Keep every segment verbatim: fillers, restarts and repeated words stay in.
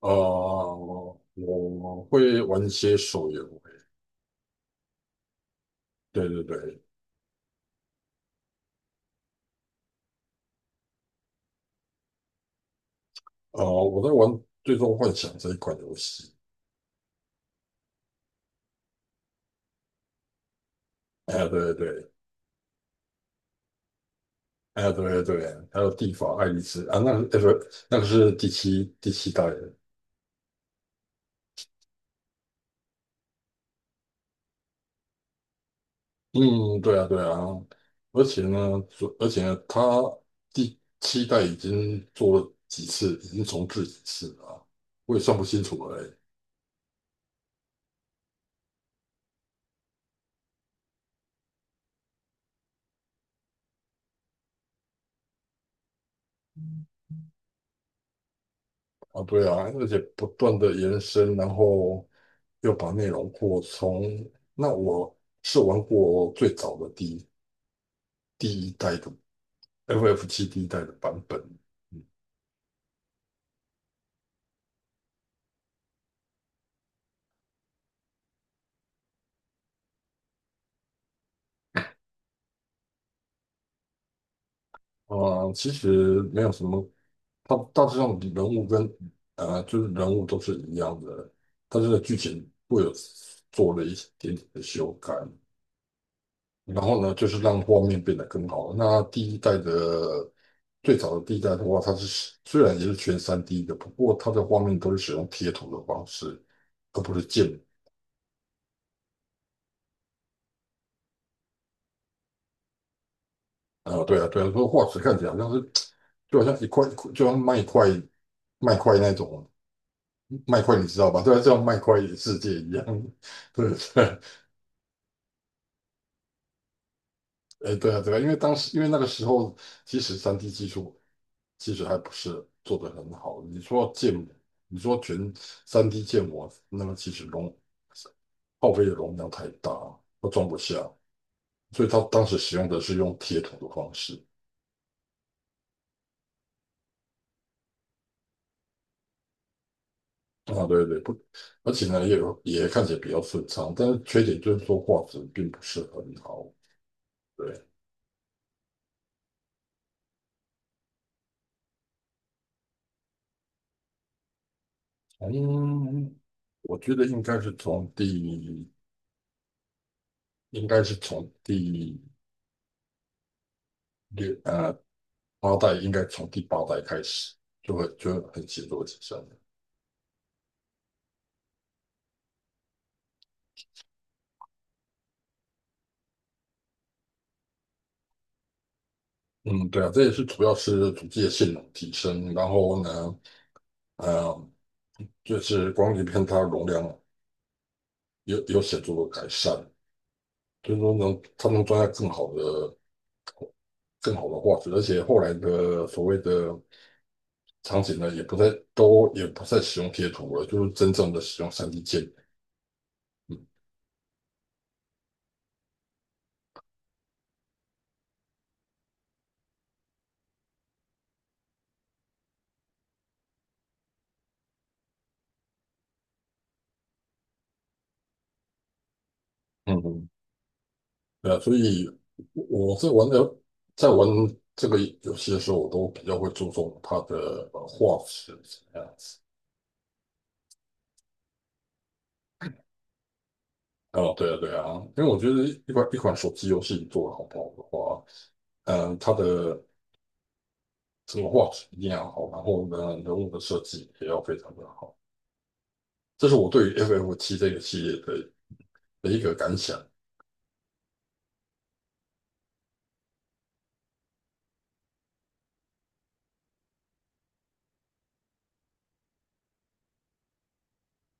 呃，我会玩一些手游，对对对，呃，我在玩《最终幻想》这一款游戏，哎，对对对。哎，对对对，还有《地法爱丽丝》啊，那个那个那个是第七第七代的。嗯，对啊对啊，而且呢，主而且呢，它第七代已经做了几次，已经重置几次了啊，我也算不清楚了欸。啊，对啊，而且不断的延伸，然后又把内容扩充。那我是玩过最早的第一第一代的 F F 七第一代的版本。啊，呃其实没有什么，它大致上人物跟呃就是人物都是一样的，但是剧情会有做了一点点的修改，然后呢就是让画面变得更好。那第一代的最早的第一代的话，它是虽然也是全三 D 的，不过它的画面都是使用贴图的方式，而不是建啊，对啊，对啊，说化石看起来好像是，就好像一块，就像麦块麦块那种麦块，你知道吧？对啊，就像麦块世界一样，对对。哎，对啊，对啊，因为当时，因为那个时候，其实三 D 技术其实还不是做得很好。你说建模，你说全三 D 建模，那么其实容耗费的容量太大，都装不下，所以他当时使用的是用铁桶的方式。啊，对对，不，而且呢，也有也看起来比较顺畅，但是缺点就是说画质并不是很好。对。从我觉得应该是从第，应该是从第六呃八代，应该从第八代开始就会就会很显著的提升了。嗯，对啊，这也是主要是主机的性能提升，然后呢，呃，就是光碟片它容量有有显著的改善，就是说能它能装下更好的更好的画质，而且后来的所谓的场景呢，也不再都也不再使用贴图了，就是真正的使用三 D 建模。嗯，嗯嗯，对啊，所以我我在玩的，在玩这个游戏的时候，我都比较会注重它的呃画质这样子。哦，对啊，对啊，因为我觉得一款一款手机游戏做的好不好的话，嗯，它的整个画质一定要好，然后呢，人物的设计也要非常的好。这是我对于 F F 七这个系列的的一个感想。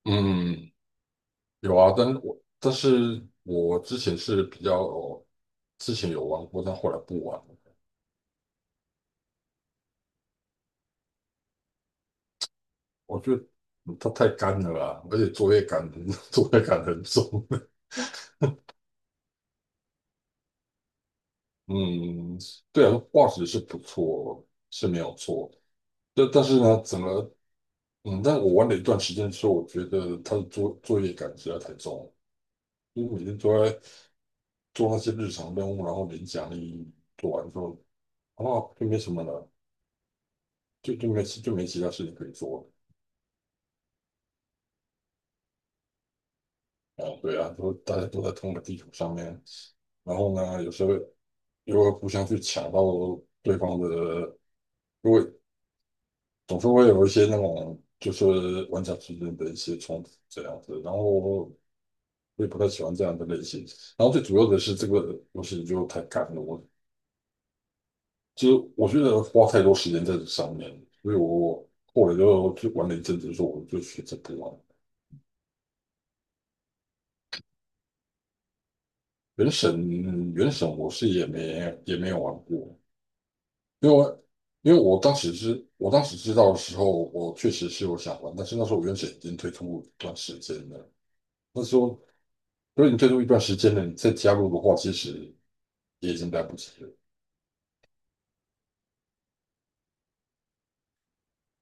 嗯，有啊，但是我但是我之前是比较之前有玩过，但后来不玩了。我觉得它太干了啊，而且作业感 作业感很重。嗯，对啊，画质是不错，是没有错。但但是呢，怎么嗯，但我玩了一段时间之后，我觉得他的作作业感实在太重了，就是每天都在做那些日常任务，然后领奖励，做完之后，哦，就没什么了，就就没就没其他事情可以做了。啊，对啊，都大家都在同一个地图上面，然后呢，有时候又会互相去抢到对方的，因为总是会有一些那种就是玩家之间的一些冲突这样子。然后我也不太喜欢这样的类型。然后最主要的是这个游戏就太赶了，我其实我觉得花太多时间在这上面，所以我后来就就玩了一阵子，说我就选择不玩。原神，原神我是也没也没有玩过，因为我因为我当时知我当时知道的时候，我确实是有想玩，但是那时候原神已经推出一段时间了，那时候如果你推出一段时间了，你再加入的话，其实也已经来不及了。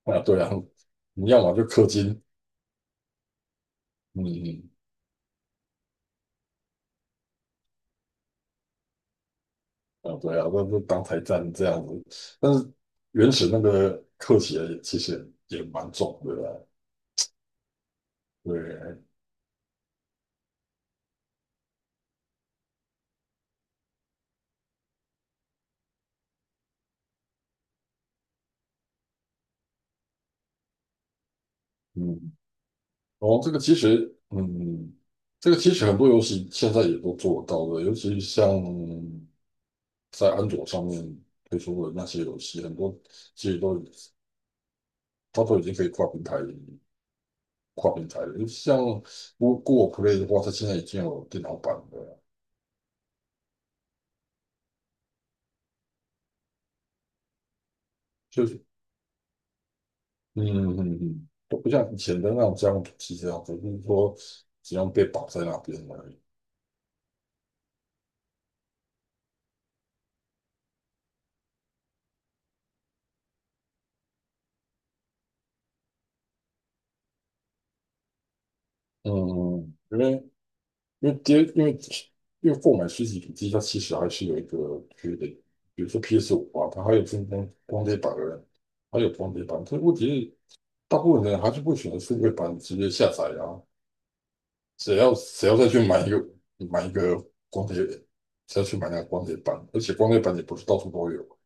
啊，对啊，你要么就氪金。嗯。啊，对啊，那就当台战这样子，但是原始那个刻起也其实也蛮重的啊。对。嗯。哦，这个其实，嗯，这个其实很多游戏现在也都做得到的，尤其像在安卓上面推出的那些游戏，很多其实都它都已经可以跨平台跨平台了，像不过 Play 的话，它现在已经有电脑版的了，就是。嗯嗯嗯，都不像以前的那种江湖气这样子，就是说只要被绑在那边而已。嗯，因为因为跌，因为因为购买实体主机，它其实还是有一个缺点，比如说 P S 五啊，它还有分光光碟版的，还有光碟版。这问题是，大部分人还是会选择数位版直接下载啊。谁要谁要再去买一个买一个光碟，谁要去买那个光碟版？而且光碟版也不是到处都有。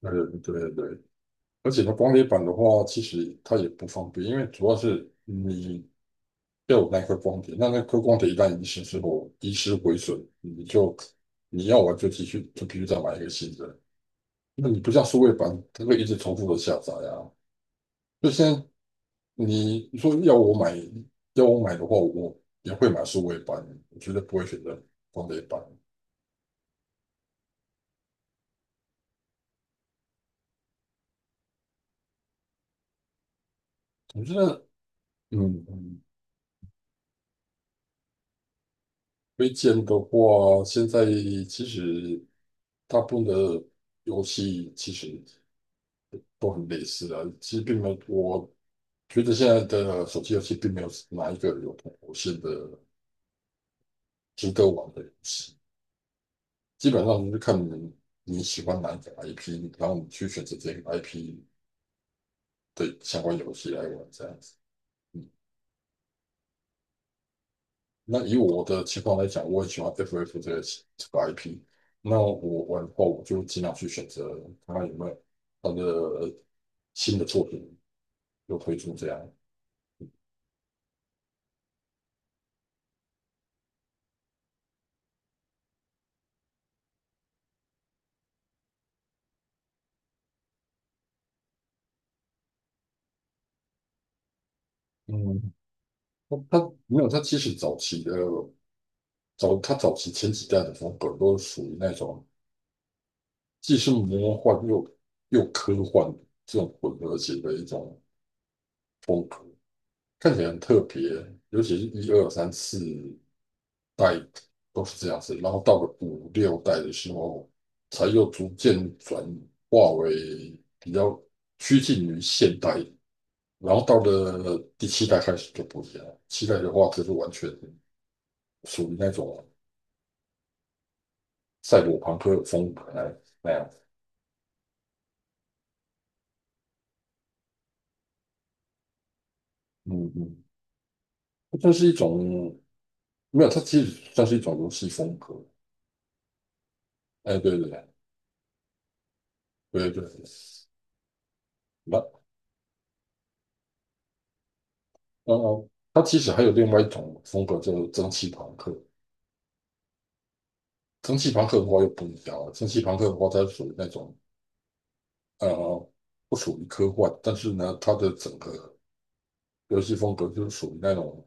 对对对，而且它光碟版的话，其实它也不方便，因为主要是你要有那颗光碟，那那颗光碟一旦遗失之后，遗失毁损，你就你要玩就继续就必须再买一个新的。那你不像数位版，它会一直重复的下载啊。就现在你你说要我买，要我买，的话，我也会买数位版，我绝对不会选择光碟版。我觉得嗯，嗯推荐的话，现在其实大部分的游戏其实，都很类似啊。其实并没有，我觉得现在的手机游戏并没有哪一个有突破性的值得玩的游戏，基本上就是看你你喜欢哪一个 I P,然后你去选择这个 I P 的相关游戏来玩这样子。那以我的情况来讲，我很喜欢 F F 这个这个 I P,那我玩的话，我就尽量去选择看看有没有它的新的作品又推出这样。嗯，它它没有，它其实早期的早，它早期前几代的风格都属于那种既是魔幻又又科幻这种混合型的一种看起来很特别，尤其是一二三四代都是这样子，然后到了五六代的时候，才又逐渐转化为比较趋近于现代，然后到了第七代开始就不一样了，七代的话就是完全属于那种赛博朋克风格那那样子。嗯嗯，它算是一种，没有，它其实算是一种游戏风格，哎，对对对对对，那。哦哦，它其实还有另外一种风格，就是蒸汽朋克。蒸汽朋克的话又不一样了，蒸汽朋克的话，它属于那种呃，不属于科幻，但是呢，它的整个游戏风格就是属于那种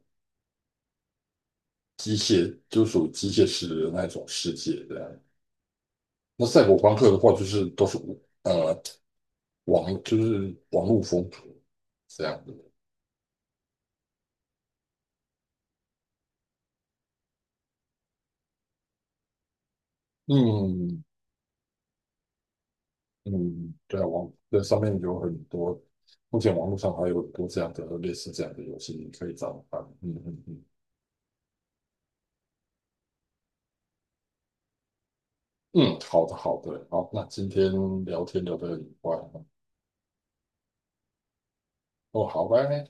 机械，就属于机械式的那种世界这样。那赛博朋克的话，就是都是呃网，就是网络风格这样的。嗯。嗯，对啊，网对上面有很多，目前网络上还有很多这样的类似这样的游戏，你可以找来玩。嗯嗯嗯嗯，好的好的，好，那今天聊天聊得很愉快。哦，好，拜拜。